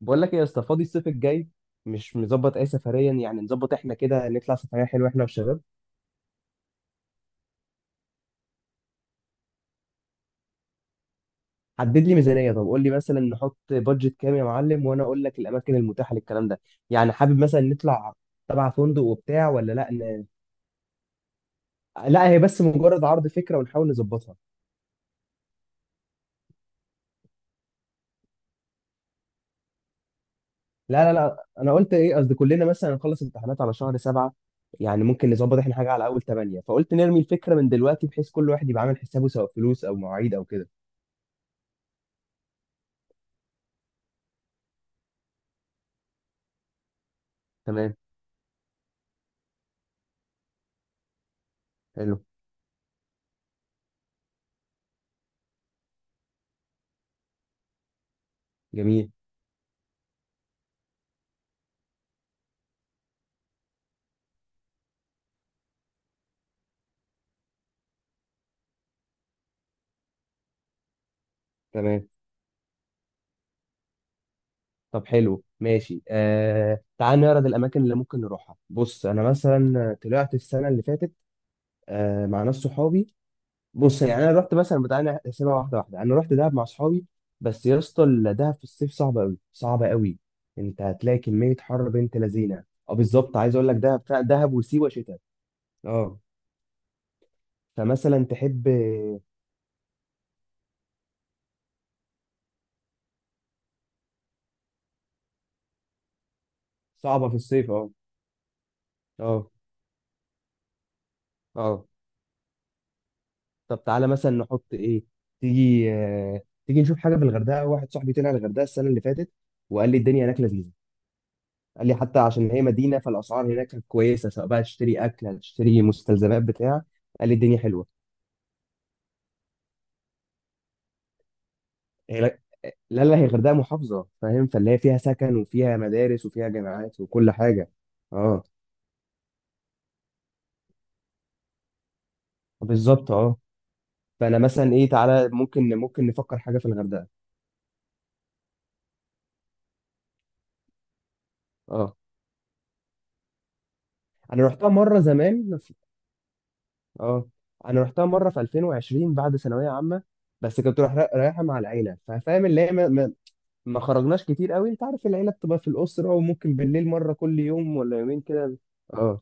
بقول لك ايه يا اسطى، فاضي الصيف الجاي؟ مش مظبط اي سفريا؟ يعني نظبط احنا كده نطلع سفريه حلوه احنا والشباب. حدد لي ميزانيه، طب قول لي مثلا نحط بادجت كام يا معلم وانا اقول لك الاماكن المتاحه للكلام ده. يعني حابب مثلا نطلع تبع فندق وبتاع ولا لا لا، هي بس مجرد عرض فكره ونحاول نظبطها. لا، انا قلت ايه، قصدي كلنا مثلا نخلص امتحانات على شهر سبعة. يعني ممكن نظبط احنا حاجه على اول ثمانية، فقلت نرمي الفكره من دلوقتي بحيث كل واحد يبقى عامل حسابه سواء فلوس او مواعيد او كده. تمام. حلو. جميل. تمام. طب حلو ماشي، تعال نعرض الاماكن اللي ممكن نروحها. بص انا مثلا طلعت السنه اللي فاتت، مع ناس صحابي. بص يعني انا رحت مثلا بتاع، نحسبها واحده واحده، انا رحت دهب مع صحابي. بس يا اسطى، دهب في الصيف صعبه قوي، صعبه قوي. انت هتلاقي كميه حر بنت لذينه. اه بالظبط، عايز اقول لك دهب فعلا، دهب وسيوه شتاء. اه، فمثلا تحب. صعبه في الصيف اه. اه. اه. طب تعالى مثلا نحط ايه؟ تيجي آه، تيجي نشوف حاجه في الغردقه. واحد صاحبي طلع الغردقه السنه اللي فاتت وقال لي الدنيا هناك لذيذه. قال لي حتى عشان هي مدينه، فالاسعار هناك كانت كويسه سواء بقى تشتري اكل، هتشتري مستلزمات بتاع. قال لي الدنيا حلوه. هي لا. لا، هي الغردقه محافظه فاهم، فاللي هي فيها سكن وفيها مدارس وفيها جامعات وكل حاجه. اه بالظبط. اه، فانا مثلا ايه، تعالى ممكن، نفكر حاجه في الغردقه. اه، انا رحتها مره زمان. اه، انا رحتها مره في 2020 بعد ثانويه عامه. بس كنت رايح، رايحه مع العيله ففاهم اللي هي ما خرجناش كتير قوي. انت عارف العيله بتبقى في الاسره، وممكن بالليل مره كل يوم ولا يومين كده. اه.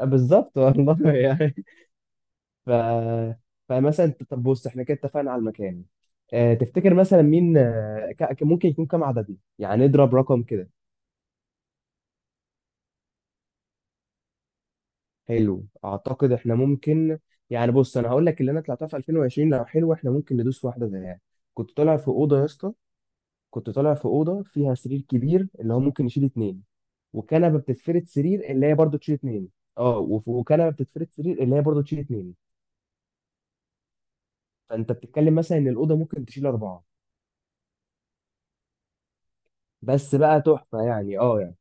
بالظبط والله يعني. ف فمثلا طب بص احنا كده اتفقنا على المكان. اه، تفتكر مثلا مين، ممكن يكون كام عددنا؟ يعني نضرب رقم كده. حلو، اعتقد احنا ممكن. يعني بص، انا هقول لك اللي انا طلعتها في 2020، لو حلو احنا ممكن ندوس في واحده زيها. كنت طالع في اوضه يا اسطى. كنت طالع في اوضه فيها سرير كبير اللي هو ممكن يشيل اتنين. وكنبه بتتفرد سرير اللي هي برضه تشيل اتنين. اه وكنبه بتتفرد سرير اللي هي برضه تشيل اتنين. فانت بتتكلم مثلا ان الاوضه ممكن تشيل اربعه. بس بقى تحفه يعني، اه يعني.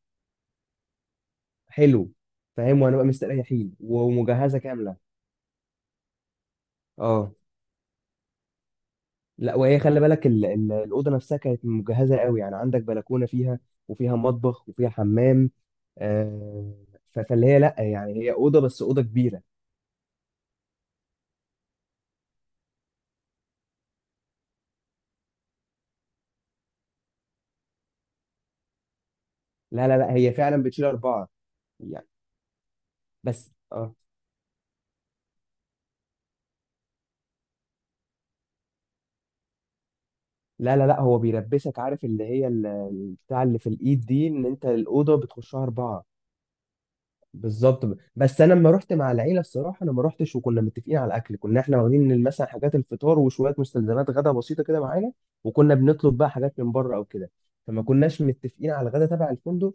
حلو. فاهم، وانا بقى مستريحين ومجهزه كامله. اه. لا، وهي خلي بالك الاوضه نفسها كانت مجهزه قوي، يعني عندك بلكونه فيها وفيها مطبخ وفيها حمام. آه. فاللي هي لا، يعني هي اوضه بس اوضه كبيره. لا، هي فعلا بتشيل اربعه. بس اه. لا، هو بيلبسك عارف اللي هي بتاع اللي في الايد دي، ان انت الاوضه بتخشها اربعه. بالظبط. بس انا لما رحت مع العيله الصراحه انا ما رحتش، وكنا متفقين على الاكل. كنا احنا واخدين مثلا حاجات الفطار وشويه مستلزمات غدا بسيطه كده معانا، وكنا بنطلب بقى حاجات من بره او كده. فما كناش متفقين على الغدا تبع الفندق.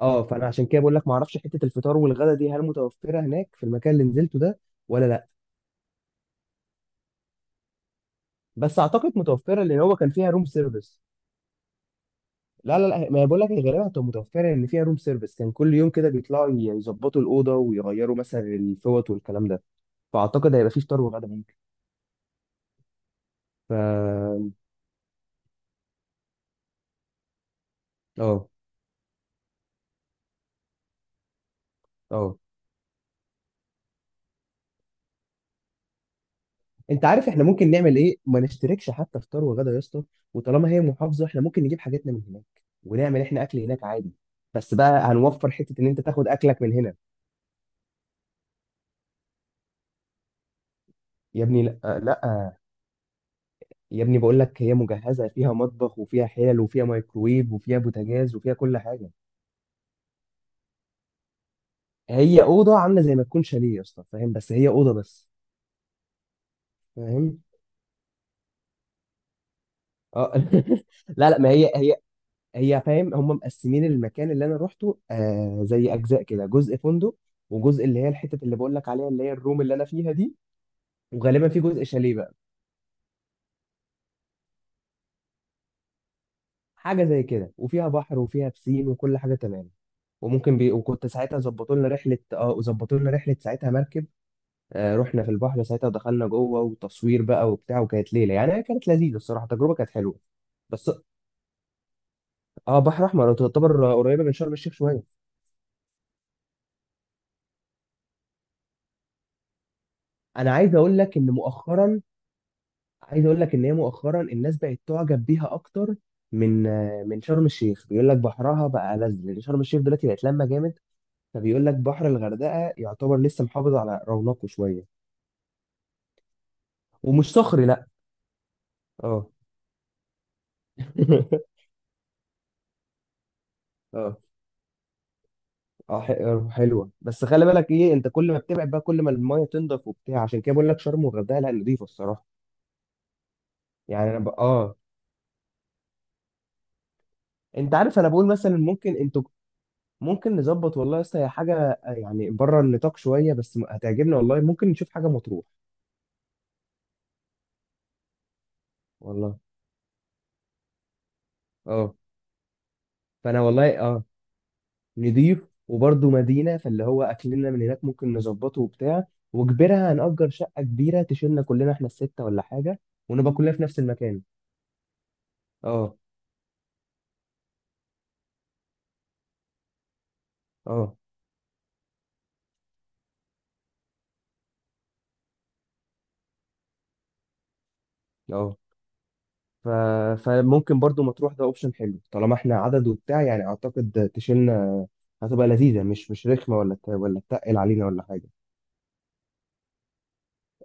اه، فانا عشان كده بقول لك ما اعرفش حته الفطار والغدا دي هل متوفره هناك في المكان اللي نزلته ده ولا لا. بس اعتقد متوفره، لان هو كان فيها روم سيرفيس. لا، ما أنا بقول لك هي غالبا هتبقى متوفره، ان فيها روم سيرفيس كان كل يوم كده بيطلعوا يظبطوا الاوضه ويغيروا مثلا الفوط والكلام ده. فاعتقد هيبقى فيه فطار وغدا ممكن. ف اه اه. انت عارف احنا ممكن نعمل ايه، ما نشتركش حتى فطار وغدا يا اسطى. وطالما هي محافظه احنا ممكن نجيب حاجاتنا من هناك، ونعمل احنا اكل هناك عادي. بس بقى هنوفر حته ان انت تاخد اكلك من هنا. يا ابني لا لا، يا ابني بقول لك هي مجهزه فيها مطبخ وفيها حلل وفيها مايكرويف وفيها بوتاجاز وفيها كل حاجه. هي اوضه عامله زي ما تكون شاليه يا اسطى فاهم، بس هي اوضه بس. فاهم. اه. لا، ما هي هي، هي فاهم، هم مقسمين المكان اللي انا روحته، آه زي اجزاء كده، جزء فندق، وجزء اللي هي الحته اللي بقول لك عليها اللي هي الروم اللي انا فيها دي. وغالبا في جزء شاليه بقى. حاجه زي كده، وفيها بحر وفيها بسين وكل حاجه تمام. وكنت ساعتها ظبطوا لنا رحله، اه وظبطوا لنا رحله ساعتها مركب. آه، رحنا في البحر ساعتها ودخلنا جوه وتصوير بقى وبتاع، وكانت ليله يعني، هي كانت لذيذه الصراحه، التجربه كانت حلوه. بس. اه، بحر احمر، تعتبر قريبه من شرم الشيخ شويه. انا عايز اقول لك ان مؤخرا، عايز اقول لك ان هي مؤخرا الناس بقت تعجب بيها اكتر من من شرم الشيخ. بيقول لك بحرها بقى لذ، لان شرم الشيخ دلوقتي بقت لما جامد. فبيقول لك بحر الغردقه يعتبر لسه محافظ على رونقه شويه. ومش صخري لا. اه. اه. اه حلوه، بس خلي بالك ايه، انت كل ما بتبعد بقى كل ما المايه تنضف وبتاع. عشان كده بقول لك شرم والغردقه لا، نضيفه الصراحه. اه. انت عارف انا بقول مثلا ممكن انتوا، ممكن نظبط والله يا اسطى، هي حاجه يعني بره النطاق شويه، بس هتعجبنا والله. ممكن نشوف حاجه مطروح. والله اه. فانا والله اه، نضيف، وبرضه مدينه فاللي هو اكلنا من هناك ممكن نظبطه وبتاع. وكبرها هنأجر شقه كبيره تشيلنا كلنا احنا السته ولا حاجه، ونبقى كلنا في نفس المكان. اه. اه. اه. ف... فممكن برضه مطروح ده اوبشن حلو، طالما احنا عدد وبتاع يعني اعتقد تشيلنا. هتبقى لذيذه، مش مش رخمه ولا تقل علينا ولا حاجه.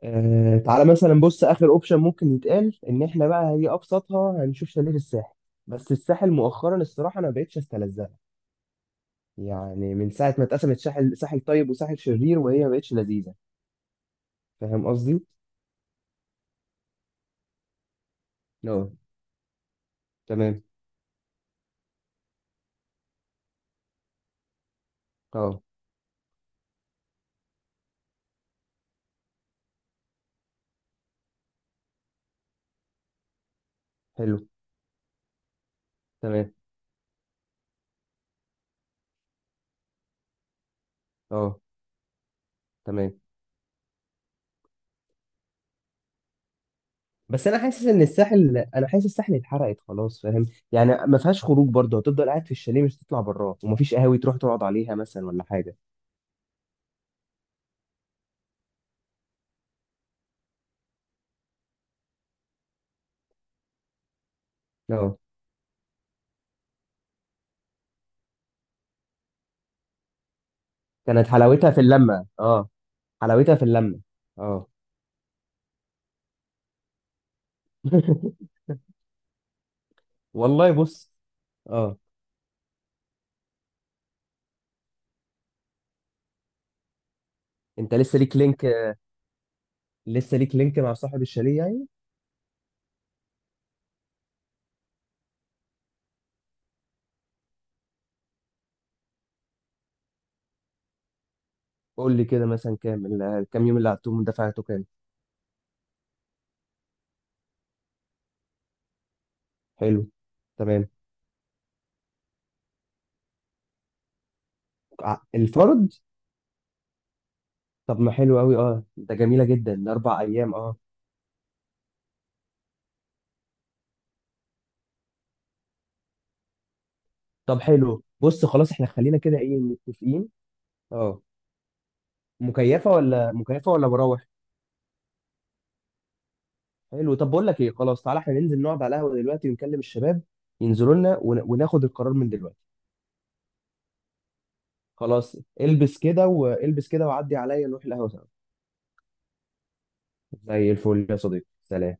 آه تعالى مثلا، بص اخر اوبشن ممكن يتقال ان احنا بقى، هي ابسطها هنشوف شاليه في الساحل. بس الساحل مؤخرا الصراحه انا ما بقتش استلذها، يعني من ساعه ما اتقسمت ساحل، ساحل طيب وساحل شرير، وهي ما بقتش لذيذه. فاهم قصدي؟ اه. تمام. اه. حلو. تمام. اه. تمام. بس انا حاسس ان الساحل، انا حاسس الساحل اتحرقت خلاص فاهم. يعني ما فيهاش خروج برضه، هتفضل قاعد في الشاليه، مش هتطلع براه، ومفيش قهاوي تروح تقعد عليها مثلا ولا حاجه. اه. كانت حلاوتها في اللمه اه. حلاوتها في اللمه. اه. والله بص. اه. انت لسه ليك لينك، لسه ليك لينك مع صاحب الشاليه يعني. قول لي كده مثلا كام كام يوم اللي قعدتهم دفعته كام؟ حلو. تمام. الفرد. طب ما حلو قوي اه، ده جميله جدا ده اربع ايام اه. طب حلو، بص خلاص احنا خلينا كده ايه، متفقين. اه، مكيفه ولا مكيفه ولا مراوح؟ حلو، طب بقول لك ايه، خلاص تعالى احنا ننزل نقعد على القهوه دلوقتي ونكلم الشباب ينزلوا لنا، وناخد القرار من دلوقتي. خلاص. البس كده، والبس كده وعدي عليا نروح القهوة سوا. زي الفل يا صديقي، سلام.